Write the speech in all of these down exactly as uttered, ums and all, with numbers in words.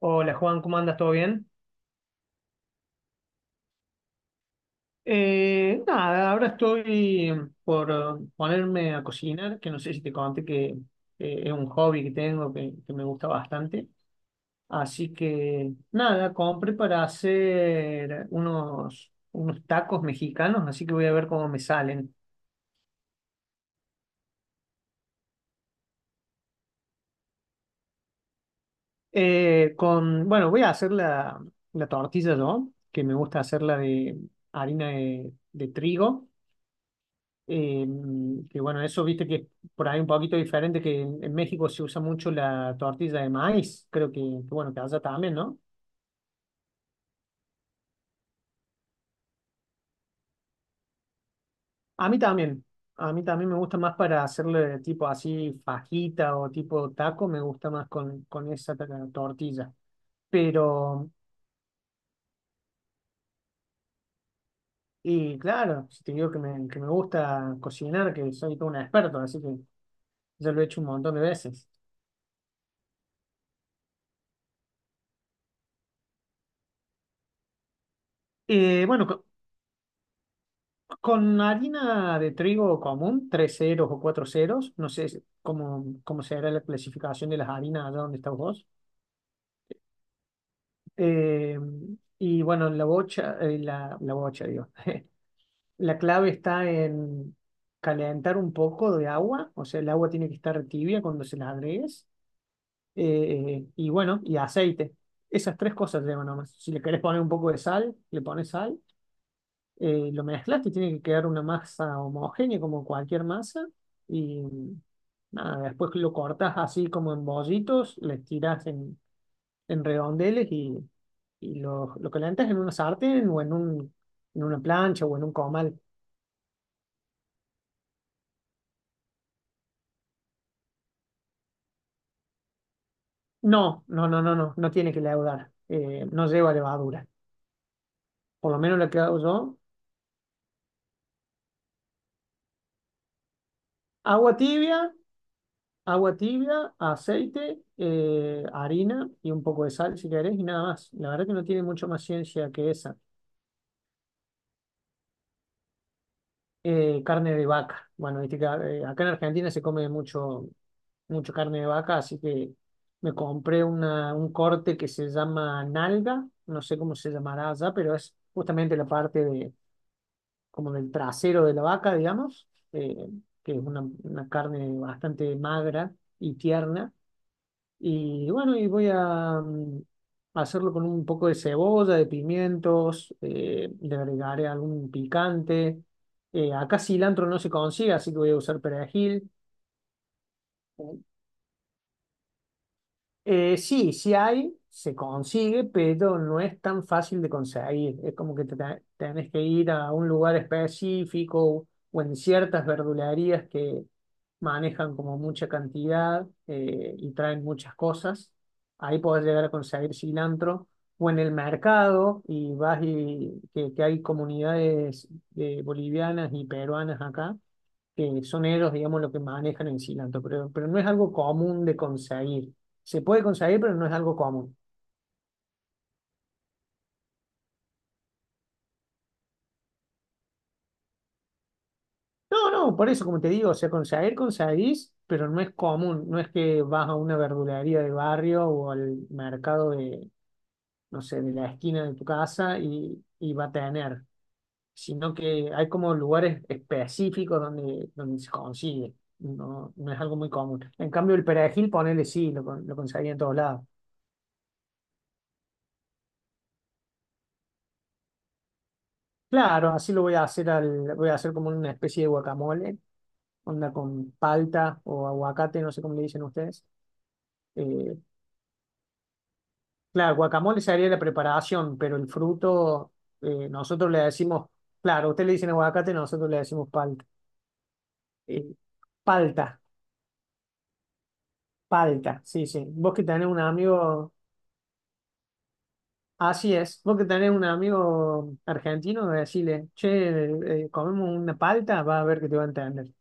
Hola Juan, ¿cómo andas? ¿Todo bien? Eh, nada, ahora estoy por ponerme a cocinar, que no sé si te conté que eh, es un hobby que tengo, que, que me gusta bastante. Así que nada, compré para hacer unos, unos tacos mexicanos, así que voy a ver cómo me salen. Eh, con, bueno, voy a hacer la, la tortilla yo, que me gusta hacerla de harina de, de trigo. Eh, que bueno, eso viste que es por ahí un poquito diferente, que en, en México se usa mucho la tortilla de maíz, creo que, que bueno, que allá también, ¿no? A mí también, a mí también me gusta más para hacerle tipo así fajita o tipo taco, me gusta más con, con esa ta- tortilla. Pero, y claro, si te digo que me, que me gusta cocinar, que soy todo un experto, así que ya lo he hecho un montón de veces. Eh, bueno, co- Con harina de trigo común, tres ceros o cuatro ceros, no sé si- cómo, cómo será la clasificación de las harinas allá donde estás vos. Eh, y bueno, la bocha, eh, la, la bocha, digo. La clave está en calentar un poco de agua, o sea, el agua tiene que estar tibia cuando se la agregues. Eh, y bueno, y aceite. Esas tres cosas llevan nomás. Si le querés poner un poco de sal, le pones sal. Eh, lo mezclas, te tiene que quedar una masa homogénea como cualquier masa y nada, después lo cortas así como en bollitos, le tiras en, en redondeles y, y lo, lo calentas en una sartén o en un, en una plancha o en un comal. No, no, no, no, no, no tiene que leudar, eh, no lleva levadura, por lo menos lo que hago yo. Agua tibia, agua tibia, aceite, eh, harina y un poco de sal si querés y nada más. La verdad que no tiene mucho más ciencia que esa. Eh, carne de vaca. Bueno, viste que eh, acá en Argentina se come mucho, mucho carne de vaca, así que me compré una, un corte que se llama nalga, no sé cómo se llamará allá, pero es justamente la parte de, como del trasero de la vaca, digamos, eh, que es una, una carne bastante magra y tierna y bueno, y voy a mm, hacerlo con un poco de cebolla, de pimientos, eh, le agregaré algún picante. Eh, acá cilantro no se consigue, así que voy a usar perejil. Eh, sí, sí hay, se consigue, pero no es tan fácil de conseguir. Es como que te te- tenés que ir a un lugar específico o en ciertas verdulerías que manejan como mucha cantidad eh, y traen muchas cosas. Ahí podés llegar a conseguir cilantro o en el mercado y vas y que, que hay comunidades eh, bolivianas y peruanas acá que son ellos, digamos, lo que manejan el cilantro, pero, pero no es algo común de conseguir. Se puede conseguir, pero no es algo común. No, no, por eso, como te digo, o sea, conseguir, conseguís, pero no es común. No es que vas a una verdulería de barrio o al mercado de, no sé, de la esquina de tu casa y, y va a tener, sino que hay como lugares específicos donde, donde se consigue. No, no es algo muy común. En cambio, el perejil, ponele sí, lo, con- lo conseguí en todos lados. Claro, así lo voy a hacer al, voy a hacer como una especie de guacamole, onda con palta o aguacate, no sé cómo le dicen ustedes. Eh, claro, guacamole sería la preparación, pero el fruto, eh, nosotros le decimos, claro, ustedes le dicen aguacate, nosotros le decimos palta. Eh, Palta, palta, sí, sí. Vos que tenés un amigo, Así es, vos que tenés un amigo argentino, decirle, che, eh, comemos una palta, va a ver que te va a entender.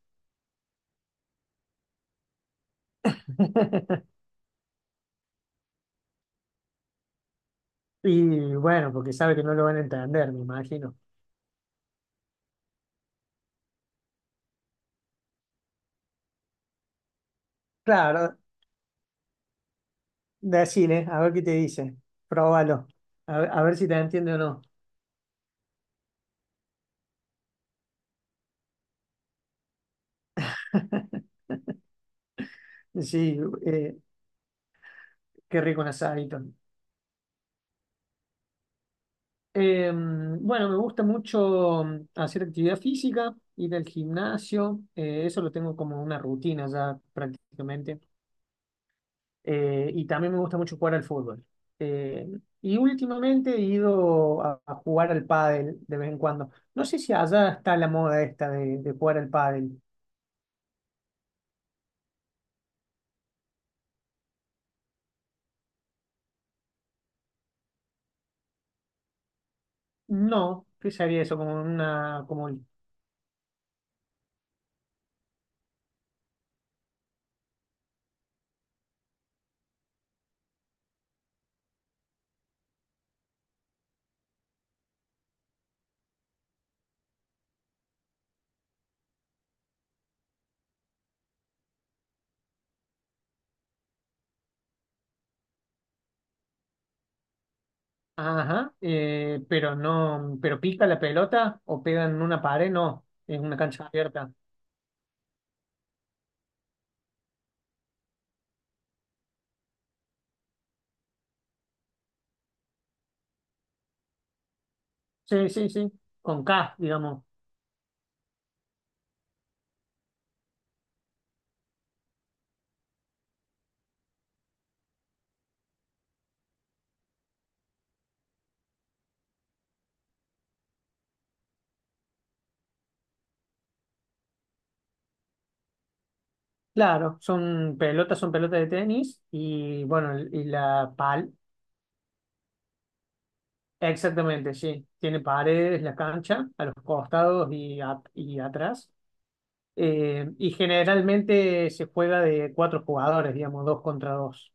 Y bueno, porque sabe que no lo van a entender, me imagino. Claro, decile, a ver qué te dice. Próbalo. A ver, a ver si te entiende o no. Sí, eh, qué rico un asadito. Eh, bueno, me gusta mucho mm, hacer actividad física, ir al gimnasio. Eh, eso lo tengo como una rutina ya prácticamente. Eh, y también me gusta mucho jugar al fútbol. Eh, y últimamente he ido a, a jugar al pádel de vez en cuando. No sé si allá está la moda esta de, de jugar al pádel. No, ¿qué sería eso? Como una, como un- ajá, eh, pero no, pero pica la pelota o pegan en una pared, no, es una cancha abierta. Sí, sí, sí, con K, digamos. Claro, son pelotas, son pelotas de tenis y bueno, y la pal, exactamente, sí. Tiene paredes la cancha a los costados y, a- y atrás. Eh, y generalmente se juega de cuatro jugadores, digamos, dos contra dos.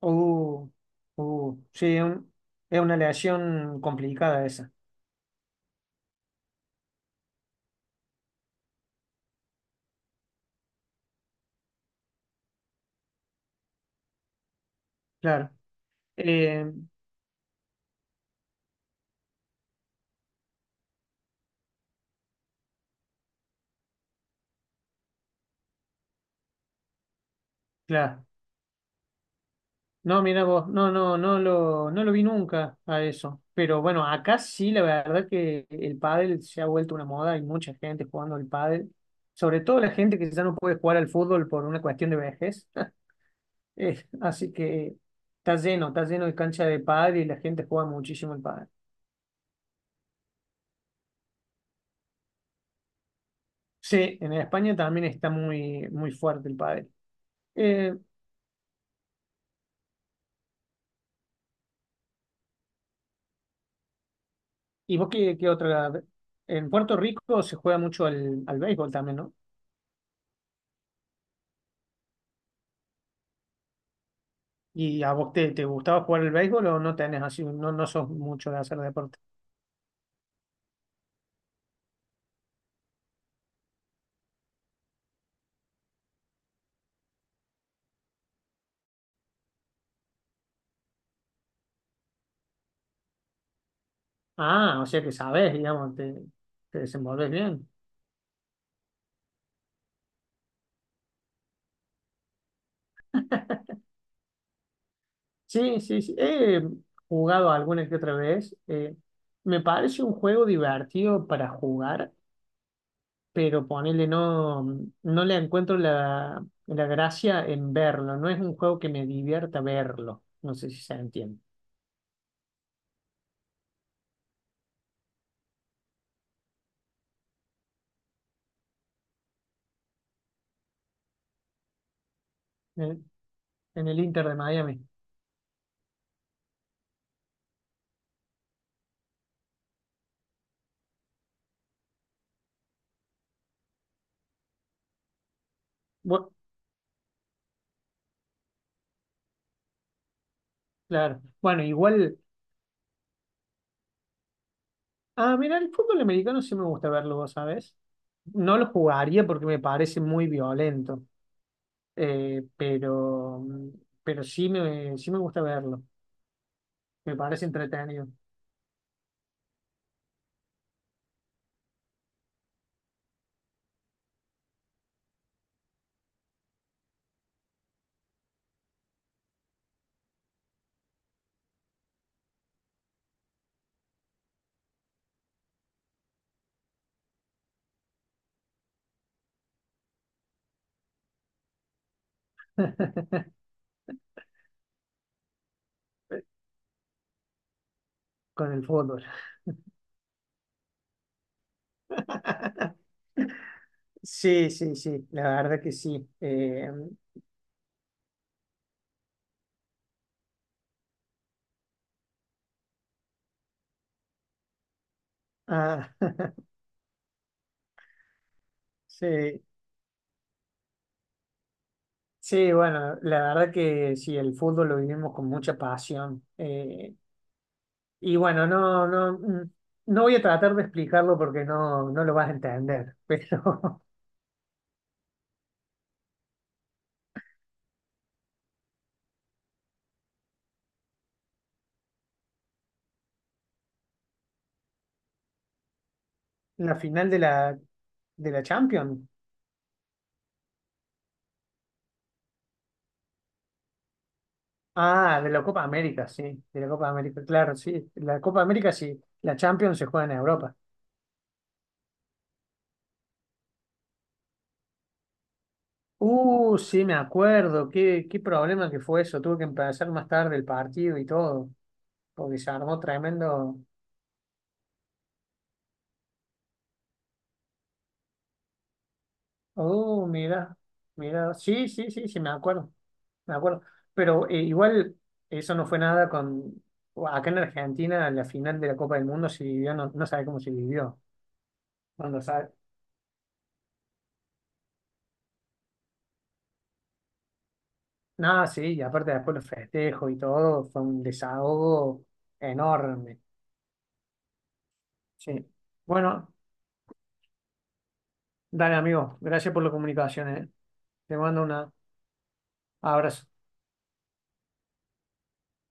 Uh, uh, sí, un- es una aleación complicada esa. Claro. Eh, claro. No, mira vos, no, no, no lo, no lo vi nunca a eso. Pero bueno, acá sí, la verdad que el pádel se ha vuelto una moda, hay mucha gente jugando al pádel, sobre todo la gente que ya no puede jugar al fútbol por una cuestión de vejez. Eh, así que está lleno, está lleno de cancha de pádel y la gente juega muchísimo el pádel. Sí, en España también está muy, muy fuerte el pádel. Eh, ¿y vos qué, qué otra? En Puerto Rico se juega mucho al, al béisbol también, no ¿y a vos te, te gustaba jugar el béisbol o no tenés así, no, no sos mucho de hacer deporte? Ah, o sea que sabés, digamos, te, te desenvolvés bien. Sí, sí, sí. He jugado alguna que otra vez. Eh, me parece un juego divertido para jugar, pero ponele no, no le encuentro la, la gracia en verlo. No es un juego que me divierta verlo. No sé si se entiende. Eh, En el Inter de Miami. Bueno, claro. Bueno, igual. Ah, mira, el fútbol americano sí me gusta verlo, vos sabés. No lo jugaría porque me parece muy violento, eh, pero, mm, pero sí me, sí me gusta verlo. Me parece entretenido. Con el fútbol. Sí, sí, sí, la verdad que sí. Eh, ah, sí, sí, bueno, la verdad que sí, el fútbol lo vivimos con mucha pasión. Eh, Y bueno, no, no, mm, no voy a tratar de explicarlo porque no, no lo vas a entender, pero la final de la, de la Champions. Ah, de la Copa América, sí, de la Copa América, claro, sí, la Copa América sí, la Champions se juega en Europa. Uh, sí, me acuerdo, qué, qué problema que fue eso, tuve que empezar más tarde el partido y todo, porque se armó tremendo, oh, mira, mira, sí, sí, sí, sí, me acuerdo, me acuerdo. Pero eh, igual eso no fue nada con... Acá en Argentina, en la final de la Copa del Mundo se vivió, no, no sabe cómo se vivió. Cuando sabe... Nada, sí, y aparte después los festejos y todo, fue un desahogo enorme. Sí. Bueno, dale amigo, gracias por la comunicación, eh. Te mando un abrazo.